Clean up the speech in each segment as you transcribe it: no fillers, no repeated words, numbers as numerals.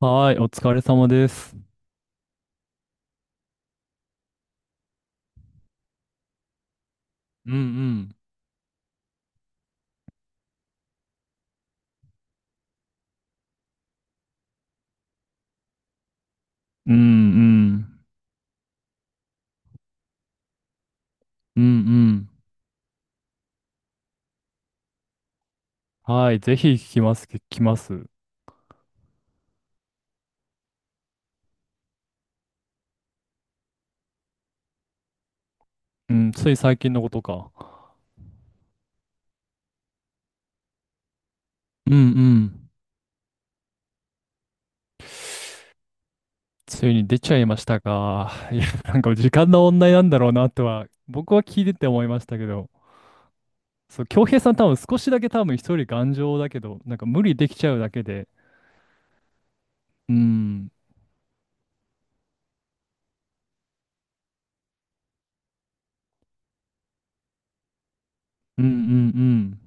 はーい、お疲れ様です。うんうん。うんうん。うんうん。はい、ぜひ聞きます、聞きます。うん、つい最近のことか。うんうん。ついに出ちゃいましたか。いや、なんか時間の問題なんだろうなとは、僕は聞いてて思いましたけど、そう、恭平さん多分少しだけ多分一人頑丈だけど、なんか無理できちゃうだけで。うん、うんうんうん。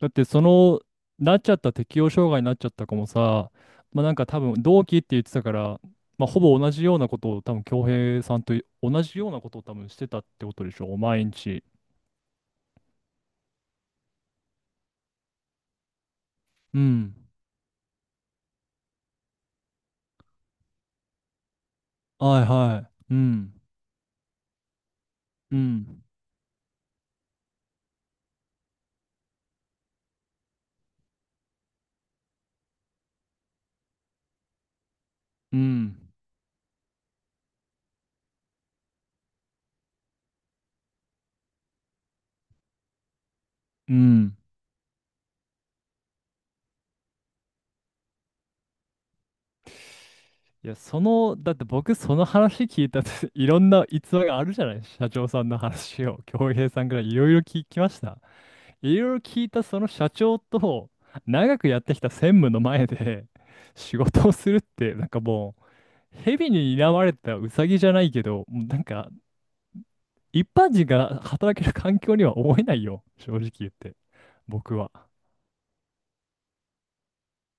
だってその、なっちゃった適応障害になっちゃった子もさ、まあなんか多分同期って言ってたから、まあほぼ同じようなことを多分してたってことでしょ、毎日。うん。はいはい。うん。うん。うん。うん。いや、その、だって僕その話聞いたって いろんな逸話があるじゃない、社長さんの話を、恭平さんからいろいろ聞きました。いろいろ聞いたその社長と長くやってきた専務の前で 仕事をするって、なんかもう、蛇に睨まれたウサギじゃないけど、もうなんか一般人が働ける環境には思えないよ、正直言って、僕は。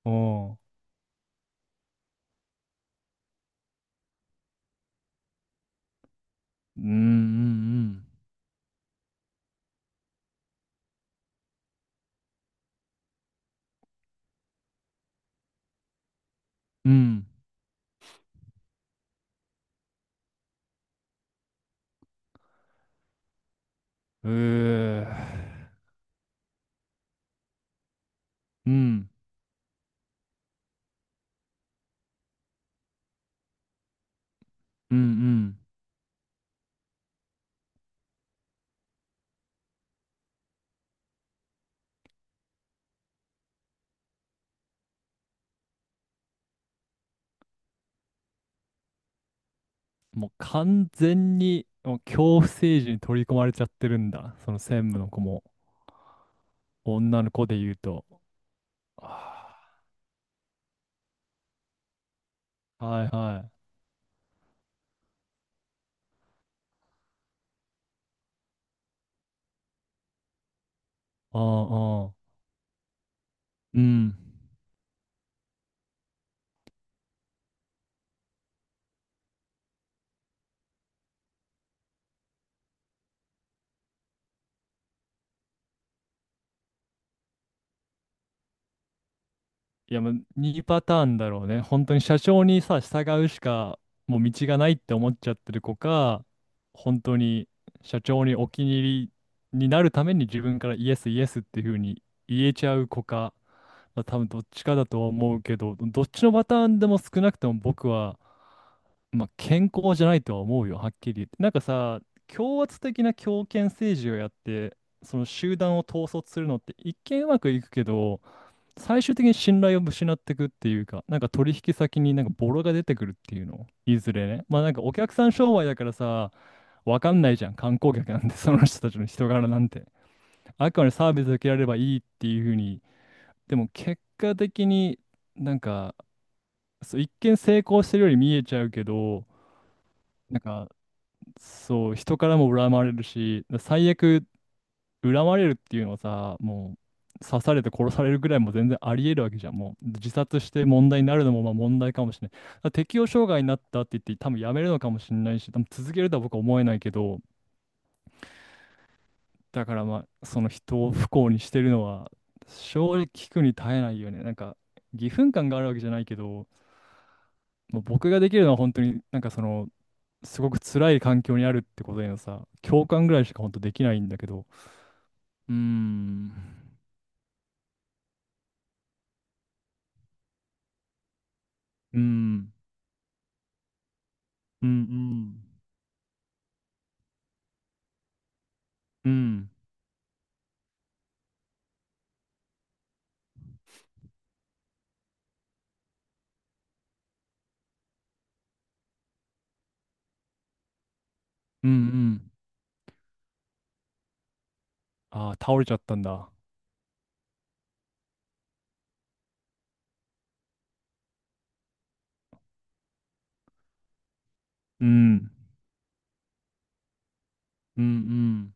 うん。うんうんうん。うん。うーん。うんうんうん。もう完全に、もう恐怖政治に取り込まれちゃってるんだ、その専務の子も、女の子で言うと。あー、はいはい。うんうん。うん。いや、もう2パターンだろうね。本当に社長にさ、従うしかもう道がないって思っちゃってる子か、本当に社長にお気に入りになるために自分からイエスイエスっていうふうに言えちゃう子か、まあ、多分どっちかだとは思うけど、どっちのパターンでも少なくとも僕は、まあ、健康じゃないとは思うよ、はっきり言って。なんかさ、強圧的な強権政治をやって、その集団を統率するのって一見うまくいくけど、最終的に信頼を失っていくっていうか、なんか取引先になんかボロが出てくるっていうの、いずれね。まあなんかお客さん商売だからさ、わかんないじゃん、観光客なんて、その人たちの人柄なんて。あくまでサービスを受けられればいいっていうふうに。でも結果的になんか、そう、一見成功してるように見えちゃうけど、なんか、そう、人からも恨まれるし、最悪、恨まれるっていうのはさ、もう刺されて殺されるぐらいも全然あり得るわけじゃん。もう自殺して問題になるのもまあ問題かもしれない。だから適応障害になったって言って多分やめるのかもしれないし、多分続けるとは僕は思えないけど、だからまあその人を不幸にしてるのは、正直聞くに耐えないよね。なんか義憤感があるわけじゃないけど、もう僕ができるのは本当になんか、そのすごく辛い環境にあるってことへのさ、共感ぐらいしか本当できないんだけど。うーん。うん。うんうん。うん、うん、うん。ああ、倒れちゃったんだ。うん、うん、うん、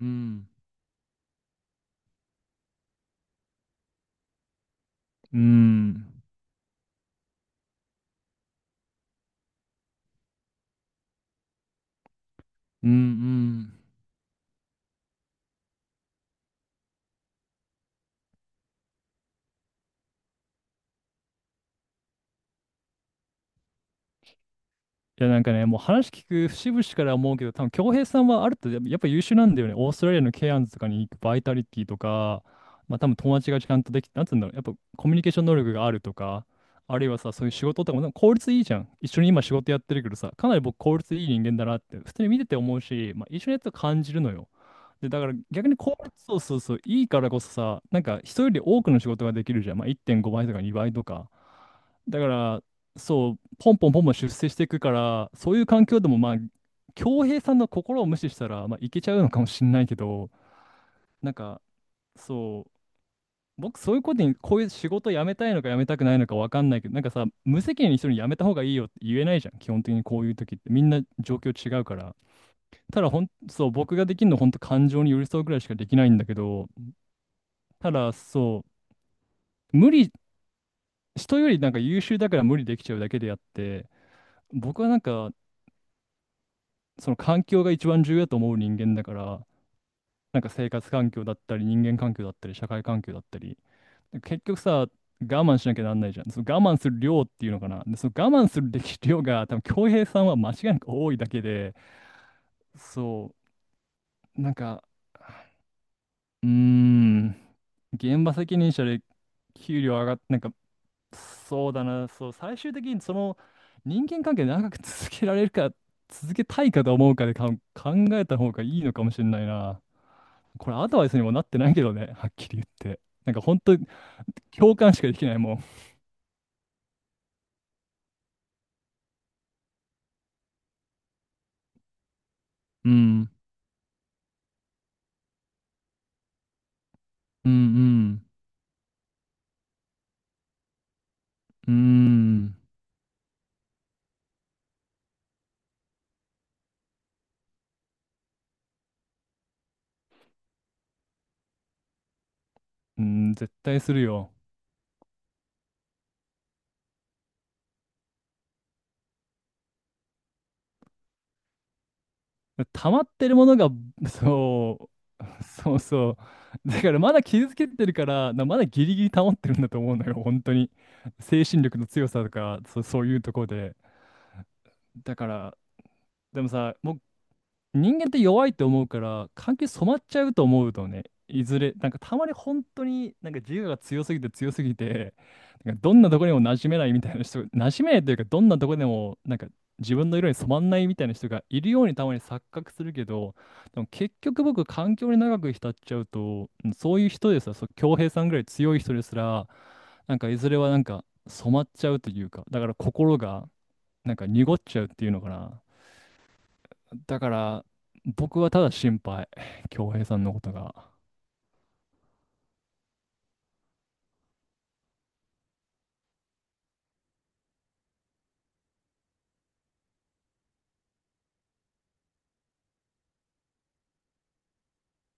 うん、うん、うん、うん。いやなんかね、もう話聞く節々から思うけど、多分恭平さんはあると、やっぱ優秀なんだよね。オーストラリアのケアンズとかに行くバイタリティとか、まあ多分友達がちゃんとできて、なんつうんだろう、やっぱコミュニケーション能力があるとか、あるいはさ、そういう仕事とかもなんか効率いいじゃん。一緒に今仕事やってるけどさ、かなり僕効率いい人間だなって、普通に見てて思うし、まあ一緒にやってると感じるのよ。で、だから逆に効率、そうそうそう、いいからこそさ、なんか人より多くの仕事ができるじゃん。まあ1.5倍とか2倍とか。だから、そう、ポンポンポンポン出世していくから、そういう環境でも、まあ、恭平さんの心を無視したら、まあ、いけちゃうのかもしれないけど、なんか、そう、僕、そういうことに、こういう仕事辞めたいのか辞めたくないのか分かんないけど、なんかさ、無責任に人に辞めた方がいいよって言えないじゃん、基本的にこういう時って、みんな状況違うから。ただ、そう、僕ができるのは、本当感情に寄り添うぐらいしかできないんだけど、ただ、そう、人よりなんか優秀だから無理できちゃうだけであって、僕はなんか、その環境が一番重要だと思う人間だから、なんか生活環境だったり、人間環境だったり、社会環境だったり、結局さ、我慢しなきゃなんないじゃん。その我慢する量っていうのかな。で、その我慢するべき量が、多分恭平さんは間違いなく多いだけで、そう、なんか、うーん、現場責任者で給料上がっ、なんかそうだな、そう、最終的にその人間関係長く続けられるか、続けたいかと思うかで、考えた方がいいのかもしれないな。これアドバイスにもなってないけどね、はっきり言って。なんか本当に共感しかできないもん。うん、うん、うん、うん、うん、絶対するよ。溜まってるものが、そう、そうそう。だからまだ傷つけてるから、まだギリギリ保ってるんだと思うのよ、本当に。精神力の強さとか、そういうところで。だから、でもさ、人間って弱いって思うから関係染まっちゃうと思うとね、いずれ。なんかたまに本当になんか自我が強すぎて強すぎて、なんかどんなとこにも馴染めないみたいな人、馴染めないというか、どんなとこでもなんか自分の色に染まんないみたいな人がいるようにたまに錯覚するけど、でも結局、僕、環境に長く浸っちゃうと、そういう人ですら、そう、恭平さんぐらい強い人ですら、なんかいずれはなんか染まっちゃうというか。だから、心がなんか濁っちゃうっていうのかな。だから、僕はただ心配。恭平さんのことが。